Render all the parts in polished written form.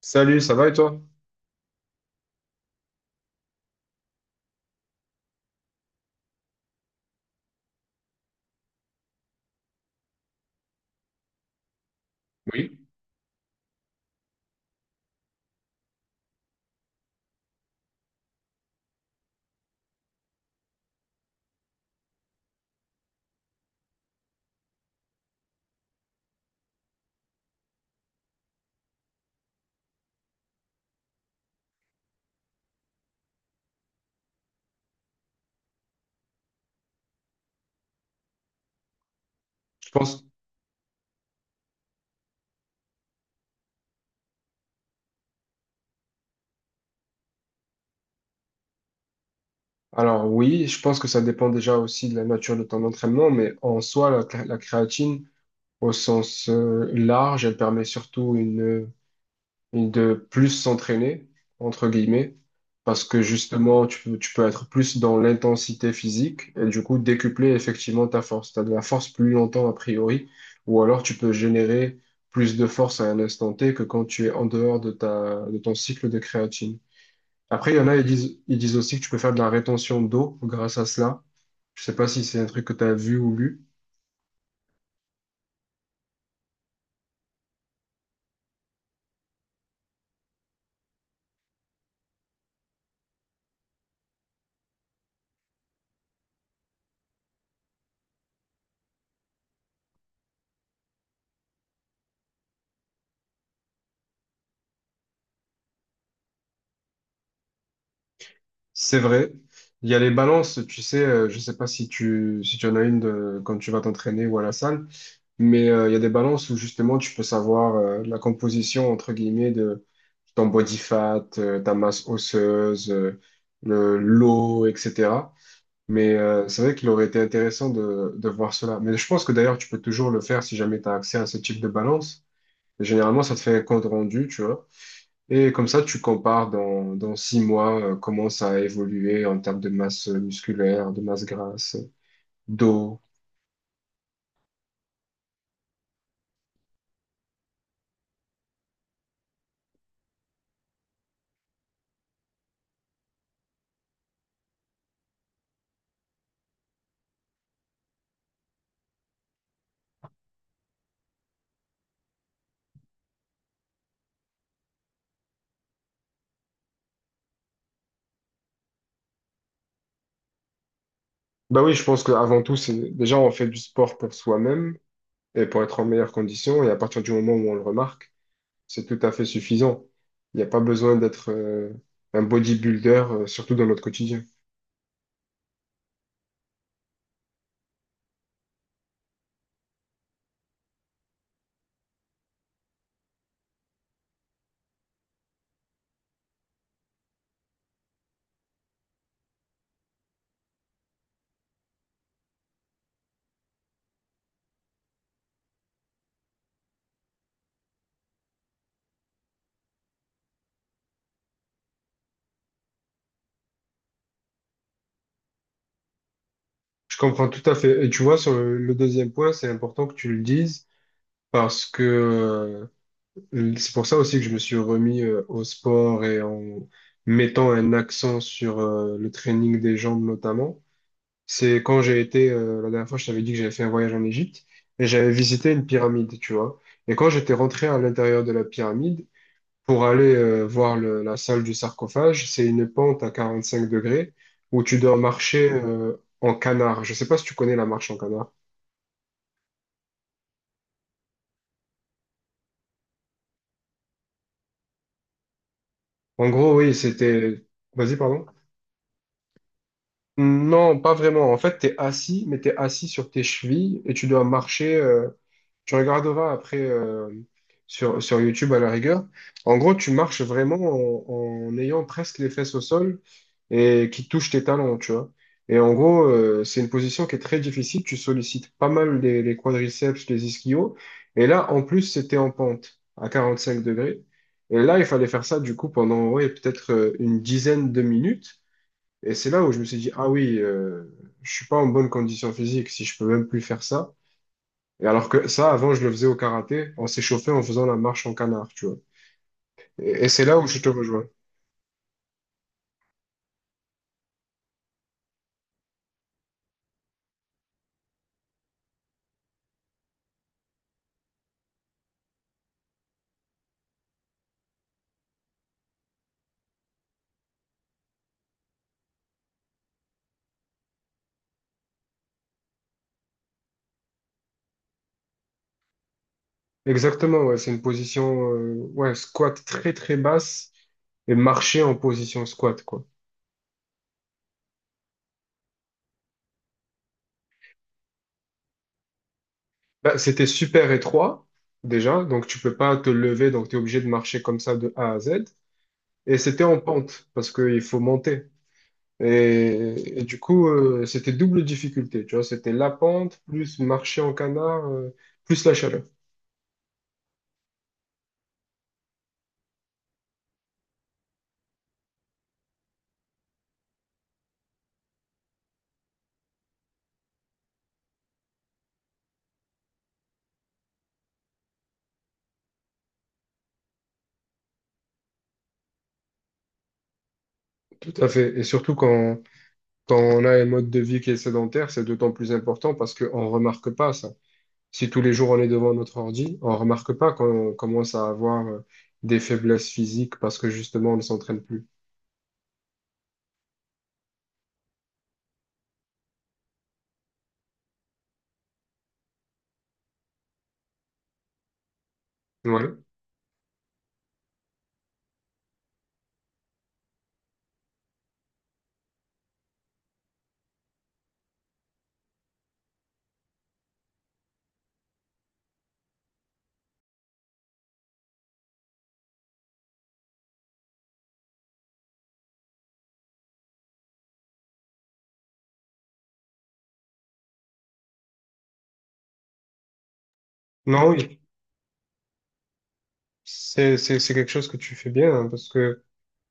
Salut, ça va et toi? Oui. Je pense. Alors oui, je pense que ça dépend déjà aussi de la nature de ton entraînement, mais en soi, la créatine, au sens large, elle permet surtout de plus s'entraîner, entre guillemets, parce que justement, tu peux être plus dans l'intensité physique et du coup décupler effectivement ta force. Tu as de la force plus longtemps a priori, ou alors tu peux générer plus de force à un instant T que quand tu es en dehors de ton cycle de créatine. Après, il y en a, ils disent aussi que tu peux faire de la rétention d'eau grâce à cela. Je sais pas si c'est un truc que tu as vu ou lu. C'est vrai. Il y a les balances, tu sais, je sais pas si tu en as quand tu vas t'entraîner ou à la salle, mais il y a des balances où justement tu peux savoir la composition, entre guillemets, de ton body fat, ta masse osseuse, l'eau, etc. Mais c'est vrai qu'il aurait été intéressant de voir cela. Mais je pense que d'ailleurs, tu peux toujours le faire si jamais tu as accès à ce type de balance. Généralement, ça te fait un compte rendu, tu vois. Et comme ça, tu compares dans 6 mois comment ça a évolué en termes de masse musculaire, de masse grasse, d'eau. Bah oui, je pense qu'avant tout, c'est déjà on fait du sport pour soi-même et pour être en meilleure condition. Et à partir du moment où on le remarque, c'est tout à fait suffisant. Il n'y a pas besoin d'être un bodybuilder, surtout dans notre quotidien. Je comprends tout à fait. Et tu vois, sur le deuxième point, c'est important que tu le dises, parce que c'est pour ça aussi que je me suis remis au sport et en mettant un accent sur le training des jambes notamment. C'est quand j'ai été, la dernière fois, je t'avais dit que j'avais fait un voyage en Égypte et j'avais visité une pyramide, tu vois. Et quand j'étais rentré à l'intérieur de la pyramide pour aller voir la salle du sarcophage, c'est une pente à 45 degrés où tu dois marcher en canard. Je sais pas si tu connais la marche en canard. En gros, oui, c'était... Vas-y, pardon. Non, pas vraiment. En fait, t'es assis, mais t'es assis sur tes chevilles et tu dois marcher. Tu regarderas après, sur YouTube à la rigueur. En gros, tu marches vraiment en ayant presque les fesses au sol et qui touche tes talons, tu vois. Et en gros, c'est une position qui est très difficile. Tu sollicites pas mal les quadriceps, les ischios. Et là, en plus, c'était en pente à 45 degrés. Et là, il fallait faire ça du coup pendant ouais, peut-être une dizaine de minutes. Et c'est là où je me suis dit, ah oui, je suis pas en bonne condition physique si je peux même plus faire ça. Et alors que ça, avant, je le faisais au karaté, on s'échauffait en faisant la marche en canard, tu vois. Et c'est là où je te rejoins. Exactement, ouais, c'est une position, ouais, squat très très basse, et marcher en position squat, quoi. Bah, c'était super étroit, déjà, donc tu peux pas te lever, donc tu es obligé de marcher comme ça de A à Z. Et c'était en pente, parce qu'il faut monter. Et du coup, c'était double difficulté, tu vois, c'était la pente, plus marcher en canard, plus la chaleur. Tout à fait. Et surtout quand on a un mode de vie qui est sédentaire, c'est d'autant plus important parce qu'on ne remarque pas ça. Si tous les jours on est devant notre ordi, on ne remarque pas qu'on commence à avoir des faiblesses physiques parce que justement on ne s'entraîne plus. Ouais. Non, oui. C'est quelque chose que tu fais bien hein, parce que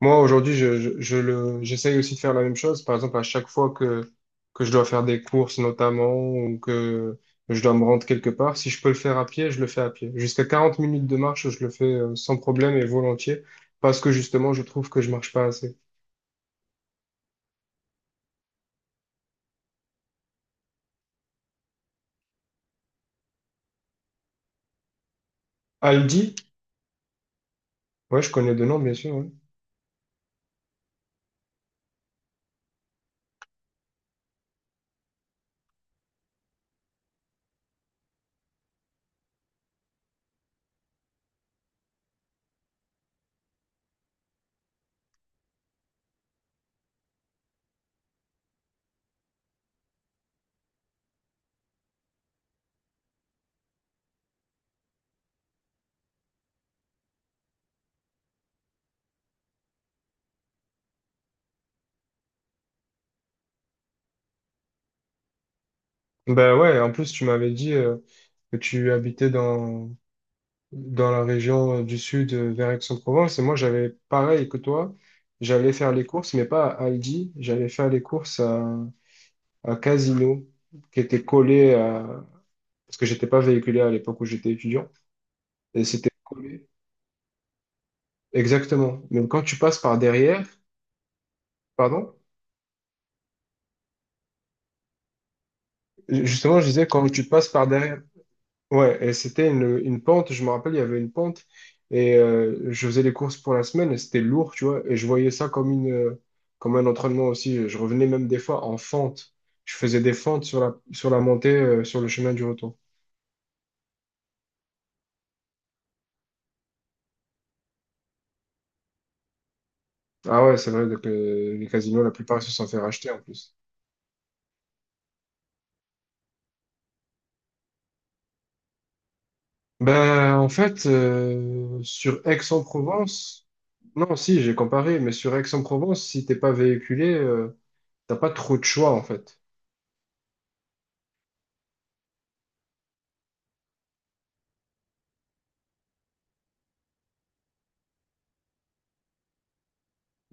moi, aujourd'hui, j'essaye aussi de faire la même chose. Par exemple, à chaque fois que je dois faire des courses, notamment, ou que je dois me rendre quelque part, si je peux le faire à pied, je le fais à pied. Jusqu'à 40 minutes de marche, je le fais sans problème et volontiers, parce que justement, je trouve que je marche pas assez. Aldi, ouais, je connais de nom, bien sûr. Ouais. Ben ouais, en plus, tu m'avais dit que tu habitais dans la région du sud vers Aix-en-Provence. Et moi, j'avais pareil que toi. J'allais faire les courses, mais pas à Aldi. J'allais faire les courses à Casino, qui était collé à... Parce que j'étais pas véhiculé à l'époque où j'étais étudiant. Et c'était collé. Exactement. Mais quand tu passes par derrière, pardon, justement, je disais, quand tu passes par derrière. Ouais, et c'était une pente, je me rappelle, il y avait une pente, et je faisais les courses pour la semaine, et c'était lourd, tu vois, et je voyais ça comme une, comme un entraînement aussi. Je revenais même des fois en fente. Je faisais des fentes sur la montée, sur le chemin du retour. Ah ouais, c'est vrai, donc, les casinos, la plupart, ils se sont fait racheter en plus. Ben, en fait, sur Aix-en-Provence, non, si, j'ai comparé, mais sur Aix-en-Provence, si t'es pas véhiculé, t'as pas trop de choix, en fait.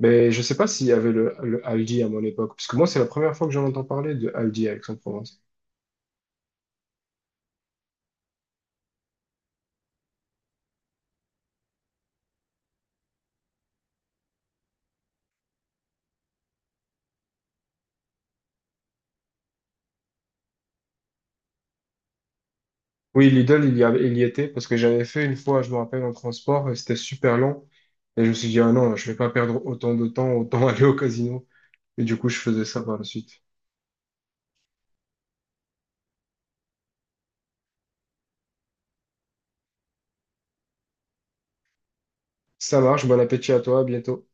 Mais je sais pas s'il y avait le Aldi à mon époque, parce que moi, c'est la première fois que j'en entends parler de Aldi à Aix-en-Provence. Oui, Lidl, il y avait, il y était, parce que j'avais fait une fois, je me rappelle, en transport, et c'était super long. Et je me suis dit, ah non, je vais pas perdre autant de temps, autant aller au casino. Et du coup, je faisais ça par la suite. Ça marche, bon appétit à toi, à bientôt.